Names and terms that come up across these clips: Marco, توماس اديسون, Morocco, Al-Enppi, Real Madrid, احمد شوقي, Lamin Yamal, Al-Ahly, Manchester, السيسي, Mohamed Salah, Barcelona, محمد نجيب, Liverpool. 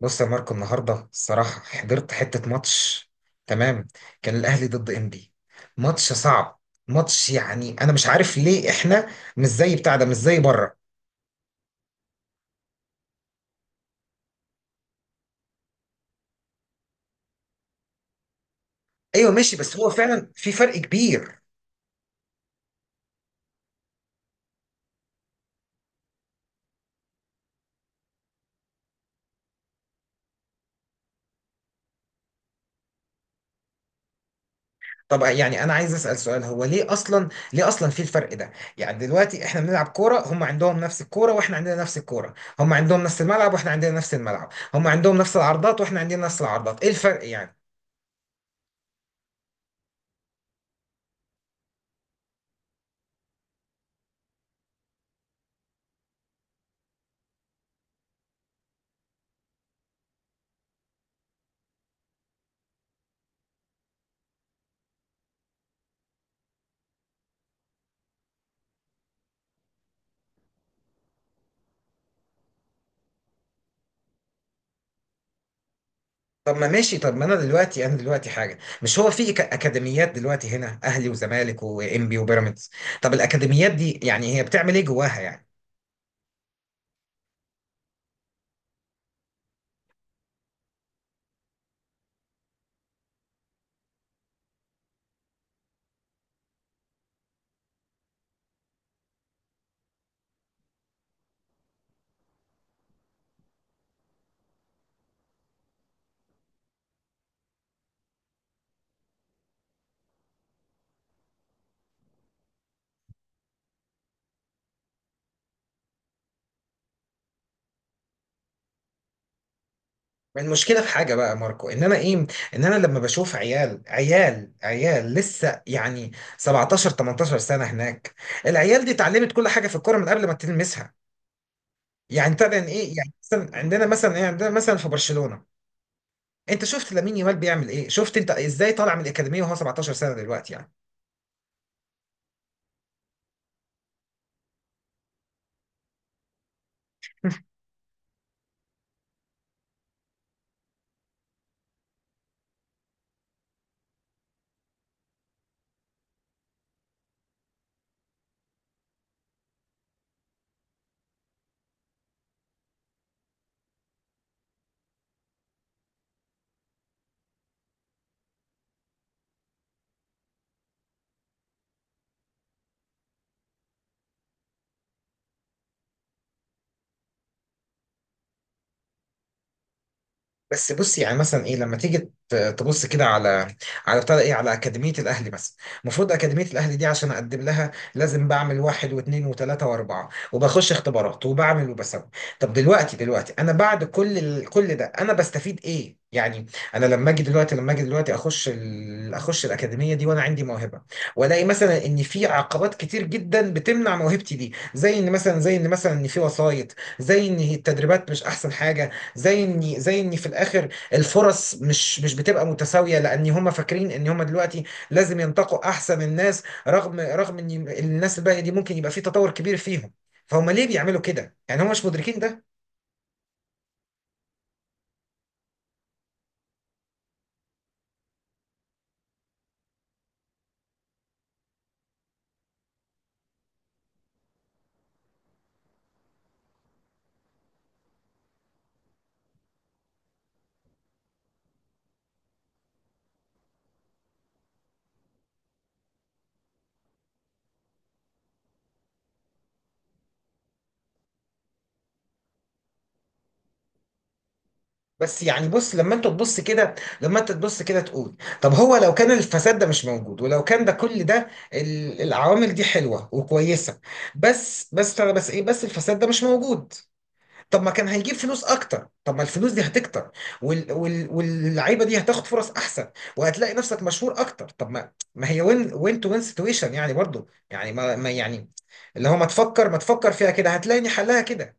بص يا ماركو، النهارده الصراحه حضرت حته ماتش. تمام، كان الاهلي ضد انبي. ماتش صعب. ماتش، يعني انا مش عارف ليه احنا مش زي بتاع ده، مش زي بره. ايوه ماشي، بس هو فعلا في فرق كبير. طب يعني انا عايز اسال سؤال، هو ليه اصلا في الفرق ده؟ يعني دلوقتي احنا بنلعب كوره، هم عندهم نفس الكوره واحنا عندنا نفس الكوره، هم عندهم نفس الملعب واحنا عندنا نفس الملعب، هم عندهم نفس العرضات واحنا عندنا نفس العرضات. ايه الفرق يعني؟ طب ما ماشي، طب ما انا دلوقتي، حاجه، مش هو في اكاديميات دلوقتي هنا، اهلي وزمالك وانبي وبيراميدز. طب الاكاديميات دي يعني هي بتعمل ايه جواها يعني؟ المشكله في حاجه بقى يا ماركو، ان انا ايه، ان انا لما بشوف عيال لسه، يعني 17 18 سنه هناك. العيال دي اتعلمت كل حاجه في الكوره من قبل ما تلمسها. يعني طبعا ايه، يعني مثلا عندنا، مثلا ايه، عندنا مثلا في برشلونه. انت شفت لامين يامال بيعمل ايه؟ شفت انت ازاي طالع من الاكاديميه وهو 17 سنه دلوقتي؟ يعني بس بص، يعني مثلا ايه لما تيجي تبص كده على بتاع ده ايه، على اكاديميه الاهلي مثلا. المفروض اكاديميه الاهلي دي، عشان اقدم لها لازم بعمل واحد واثنين وثلاثه واربعه، وبخش اختبارات، وبعمل وبسوي. طب دلوقتي، انا بعد كل كل ده انا بستفيد ايه يعني؟ انا لما اجي دلوقتي، اخش الاكاديميه دي وانا عندي موهبه، والاقي مثلا ان في عقبات كتير جدا بتمنع موهبتي دي، زي ان مثلا، ان في وسايط، زي ان التدريبات مش احسن حاجه، زي اني في الاخر الفرص مش بتبقى متساويه، لان هم فاكرين ان هم دلوقتي لازم ينتقوا احسن الناس، رغم ان الناس الباقيه دي ممكن يبقى في تطور كبير فيهم. فهم ليه بيعملوا كده يعني، هم مش مدركين ده؟ بس يعني بص، لما انت تبص كده، تقول طب هو لو كان الفساد ده مش موجود، ولو كان ده، كل ده العوامل دي حلوه وكويسه. بس انا، بس الفساد ده مش موجود. طب ما كان هيجيب فلوس اكتر، طب ما الفلوس دي هتكتر، واللعيبه دي هتاخد فرص احسن، وهتلاقي نفسك مشهور اكتر. طب ما هي وين وين تو وين سيتويشن يعني، برضو يعني، ما... ما يعني اللي هو، ما تفكر فيها كده هتلاقيني حلها كده.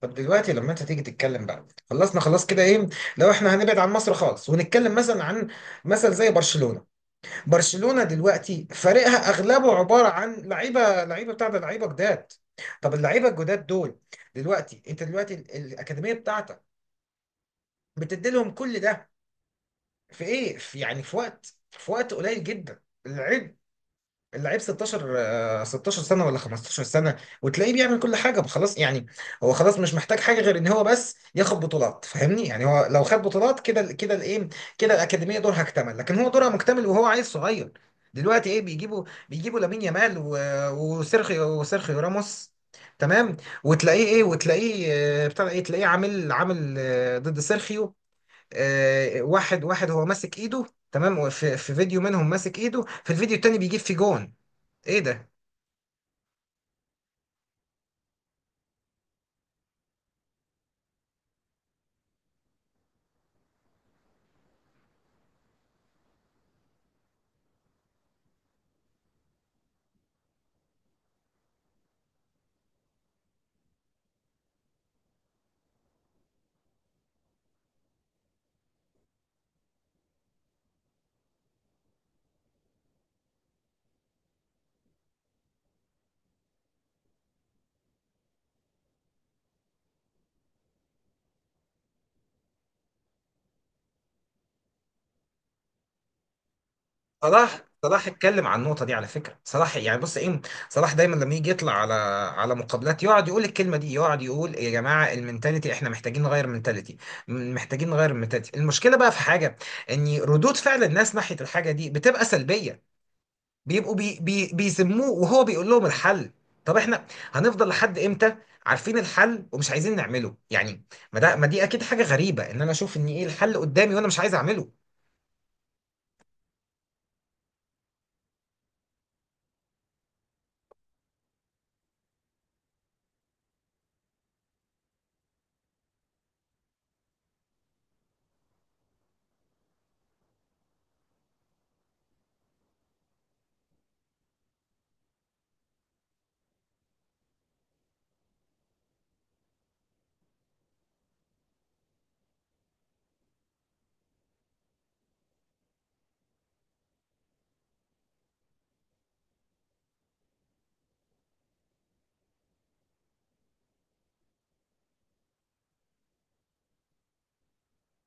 طب دلوقتي لما انت تيجي تتكلم بقى، خلصنا خلاص كده ايه، لو احنا هنبعد عن مصر خالص ونتكلم مثلا عن زي برشلونة. برشلونة دلوقتي فريقها اغلبه عبارة عن لعيبة، لعيبة بتاع ده لعيبة جداد. طب اللعيبة الجداد دول دلوقتي، انت دلوقتي الأكاديمية بتاعتك بتدي لهم كل ده في ايه، في يعني، في وقت قليل جدا. اللعيب 16، 16 سنة، ولا 15 سنة، وتلاقيه بيعمل كل حاجة خلاص يعني. هو خلاص مش محتاج حاجة غير ان هو بس ياخد بطولات. فاهمني يعني، هو لو خد بطولات، كده كده الايه، كده الأكاديمية دورها اكتمل. لكن هو دورها مكتمل وهو عيل صغير. دلوقتي ايه بيجيبوا، لامين يامال وسيرخيو راموس. تمام. وتلاقيه ايه، وتلاقيه بتاع ايه، تلاقيه عامل، ضد سيرخيو، واحد واحد، هو ماسك ايده. تمام، في فيديو منهم ماسك ايده، في الفيديو التاني بيجيب في جون. ايه ده؟ صلاح، صلاح اتكلم عن النقطه دي على فكره. صلاح يعني بص ايه، صلاح دايما لما يجي يطلع على مقابلات يقعد يقول الكلمه دي، يقعد يقول يا جماعه المنتاليتي، احنا محتاجين نغير المنتاليتي، محتاجين نغير المنتاليتي. المشكله بقى في حاجه، ان ردود فعل الناس ناحيه الحاجه دي بتبقى سلبيه. بيبقوا بي بي بيذموه، وهو بيقول لهم الحل. طب احنا هنفضل لحد امتى عارفين الحل ومش عايزين نعمله يعني؟ ما ده، ما دي اكيد حاجه غريبه ان انا اشوف ان ايه الحل قدامي وانا مش عايز اعمله.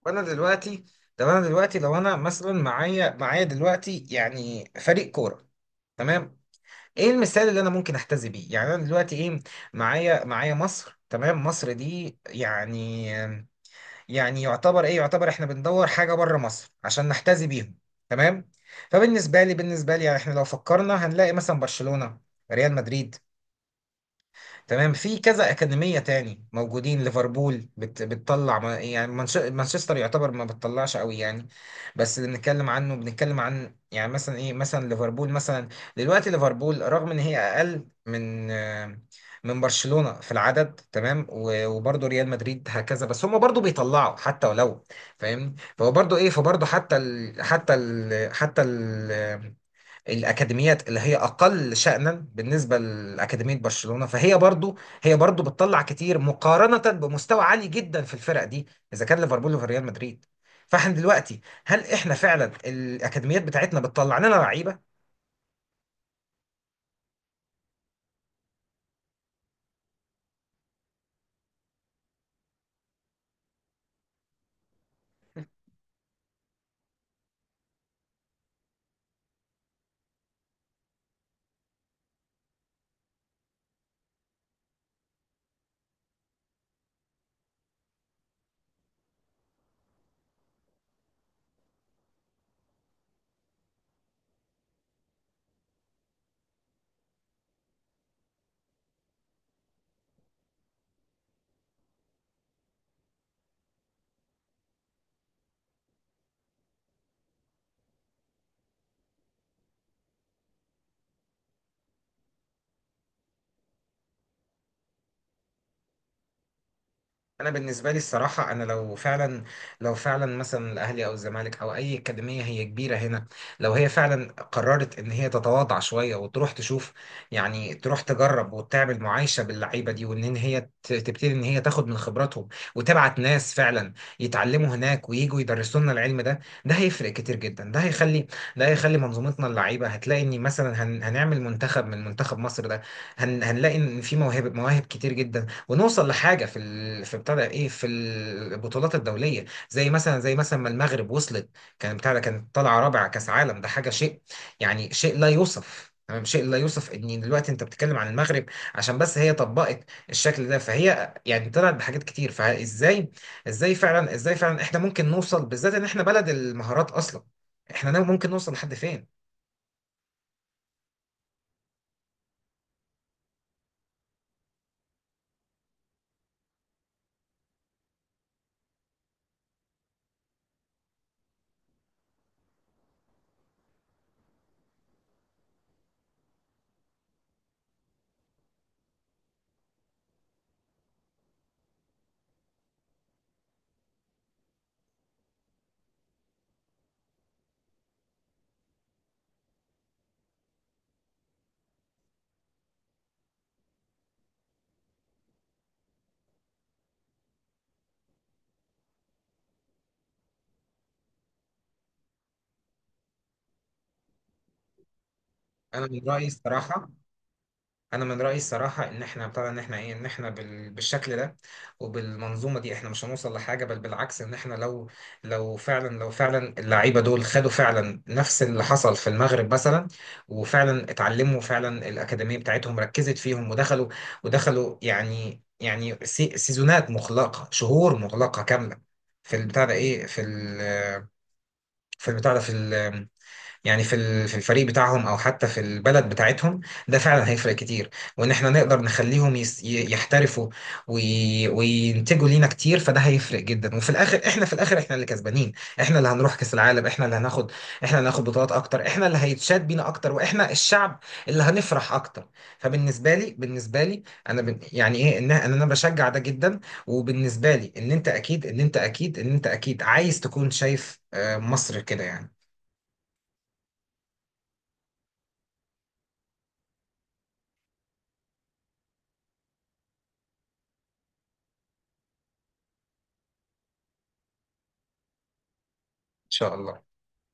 وانا دلوقتي طب انا دلوقتي، لو انا مثلا معايا، دلوقتي يعني فريق كوره، تمام، ايه المثال اللي انا ممكن احتذي بيه؟ يعني انا دلوقتي ايه، معايا، مصر، تمام. مصر دي يعني، يعني يعتبر ايه، يعتبر احنا بندور حاجه بره مصر عشان نحتذي بيهم. تمام. فبالنسبه لي، بالنسبه لي يعني احنا لو فكرنا هنلاقي مثلا برشلونه، ريال مدريد، تمام، في كذا أكاديمية تاني موجودين. ليفربول بتطلع، يعني مانشستر يعتبر ما بتطلعش قوي يعني. بس اللي بنتكلم عنه، بنتكلم عن يعني مثلا ايه، مثلا ليفربول مثلا. دلوقتي ليفربول رغم ان هي اقل من من برشلونة في العدد، تمام، وبرضه ريال مدريد هكذا، بس هم برضه بيطلعوا، حتى ولو. فاهمني. فهو برضه ايه، فبرضه حتى الاكاديميات اللي هي اقل شأنا بالنسبه لاكاديميه برشلونه، فهي برضو، هي برضو بتطلع كتير مقارنه بمستوى عالي جدا في الفرق دي، اذا كان ليفربول وفي ريال مدريد. فاحنا دلوقتي، هل احنا فعلا الاكاديميات بتاعتنا بتطلع لنا لعيبه؟ انا بالنسبه لي الصراحه، انا لو فعلا، مثلا الاهلي او الزمالك او اي اكاديميه هي كبيره هنا، لو هي فعلا قررت ان هي تتواضع شويه، وتروح تشوف، يعني تروح تجرب وتعمل معايشه باللعيبه دي، وان هي تبتدي ان هي تاخد من خبراتهم، وتبعت ناس فعلا يتعلموا هناك ويجوا يدرسوا لنا العلم ده، ده هيفرق كتير جدا. ده هيخلي منظومتنا، اللعيبه هتلاقي ان مثلا، هنعمل منتخب، منتخب مصر ده، هنلاقي ان في مواهب، مواهب كتير جدا، ونوصل لحاجه في ال... في بتاع ده ايه في البطولات الدوليه، زي مثلا، ما المغرب وصلت. كان بتاع ده، كانت طالعه رابعه كاس عالم. ده حاجه شيء يعني، شيء لا يوصف، تمام، شيء لا يوصف. ان دلوقتي انت بتتكلم عن المغرب عشان بس هي طبقت الشكل ده، فهي يعني طلعت بحاجات كتير. فازاي، ازاي فعلا احنا ممكن نوصل، بالذات ان احنا بلد المهارات اصلا، احنا ممكن نوصل لحد فين؟ انا من رايي الصراحه، ان احنا ابتدى، ان احنا بالشكل ده وبالمنظومه دي احنا مش هنوصل لحاجه، بل بالعكس. ان احنا لو، لو فعلا اللعيبه دول خدوا فعلا نفس اللي حصل في المغرب مثلا، وفعلا اتعلموا فعلا، الاكاديميه بتاعتهم ركزت فيهم، ودخلوا، يعني، سيزونات مغلقه، شهور مغلقه كامله في البتاع ده، ايه، في ال... في البتاع ده في ال... يعني في في الفريق بتاعهم، او حتى في البلد بتاعتهم. ده فعلا هيفرق كتير. وان احنا نقدر نخليهم يحترفوا وينتجوا لينا كتير، فده هيفرق جدا. وفي الاخر، احنا في الاخر احنا اللي كسبانين، احنا اللي هنروح كاس العالم، احنا اللي هناخد، بطولات اكتر، احنا اللي هيتشاد بينا اكتر، واحنا الشعب اللي هنفرح اكتر. فبالنسبه لي، بالنسبه لي انا يعني ايه، ان انا، بشجع ده جدا. وبالنسبه لي، ان انت اكيد، عايز تكون شايف مصر كده، يعني ان شاء الله.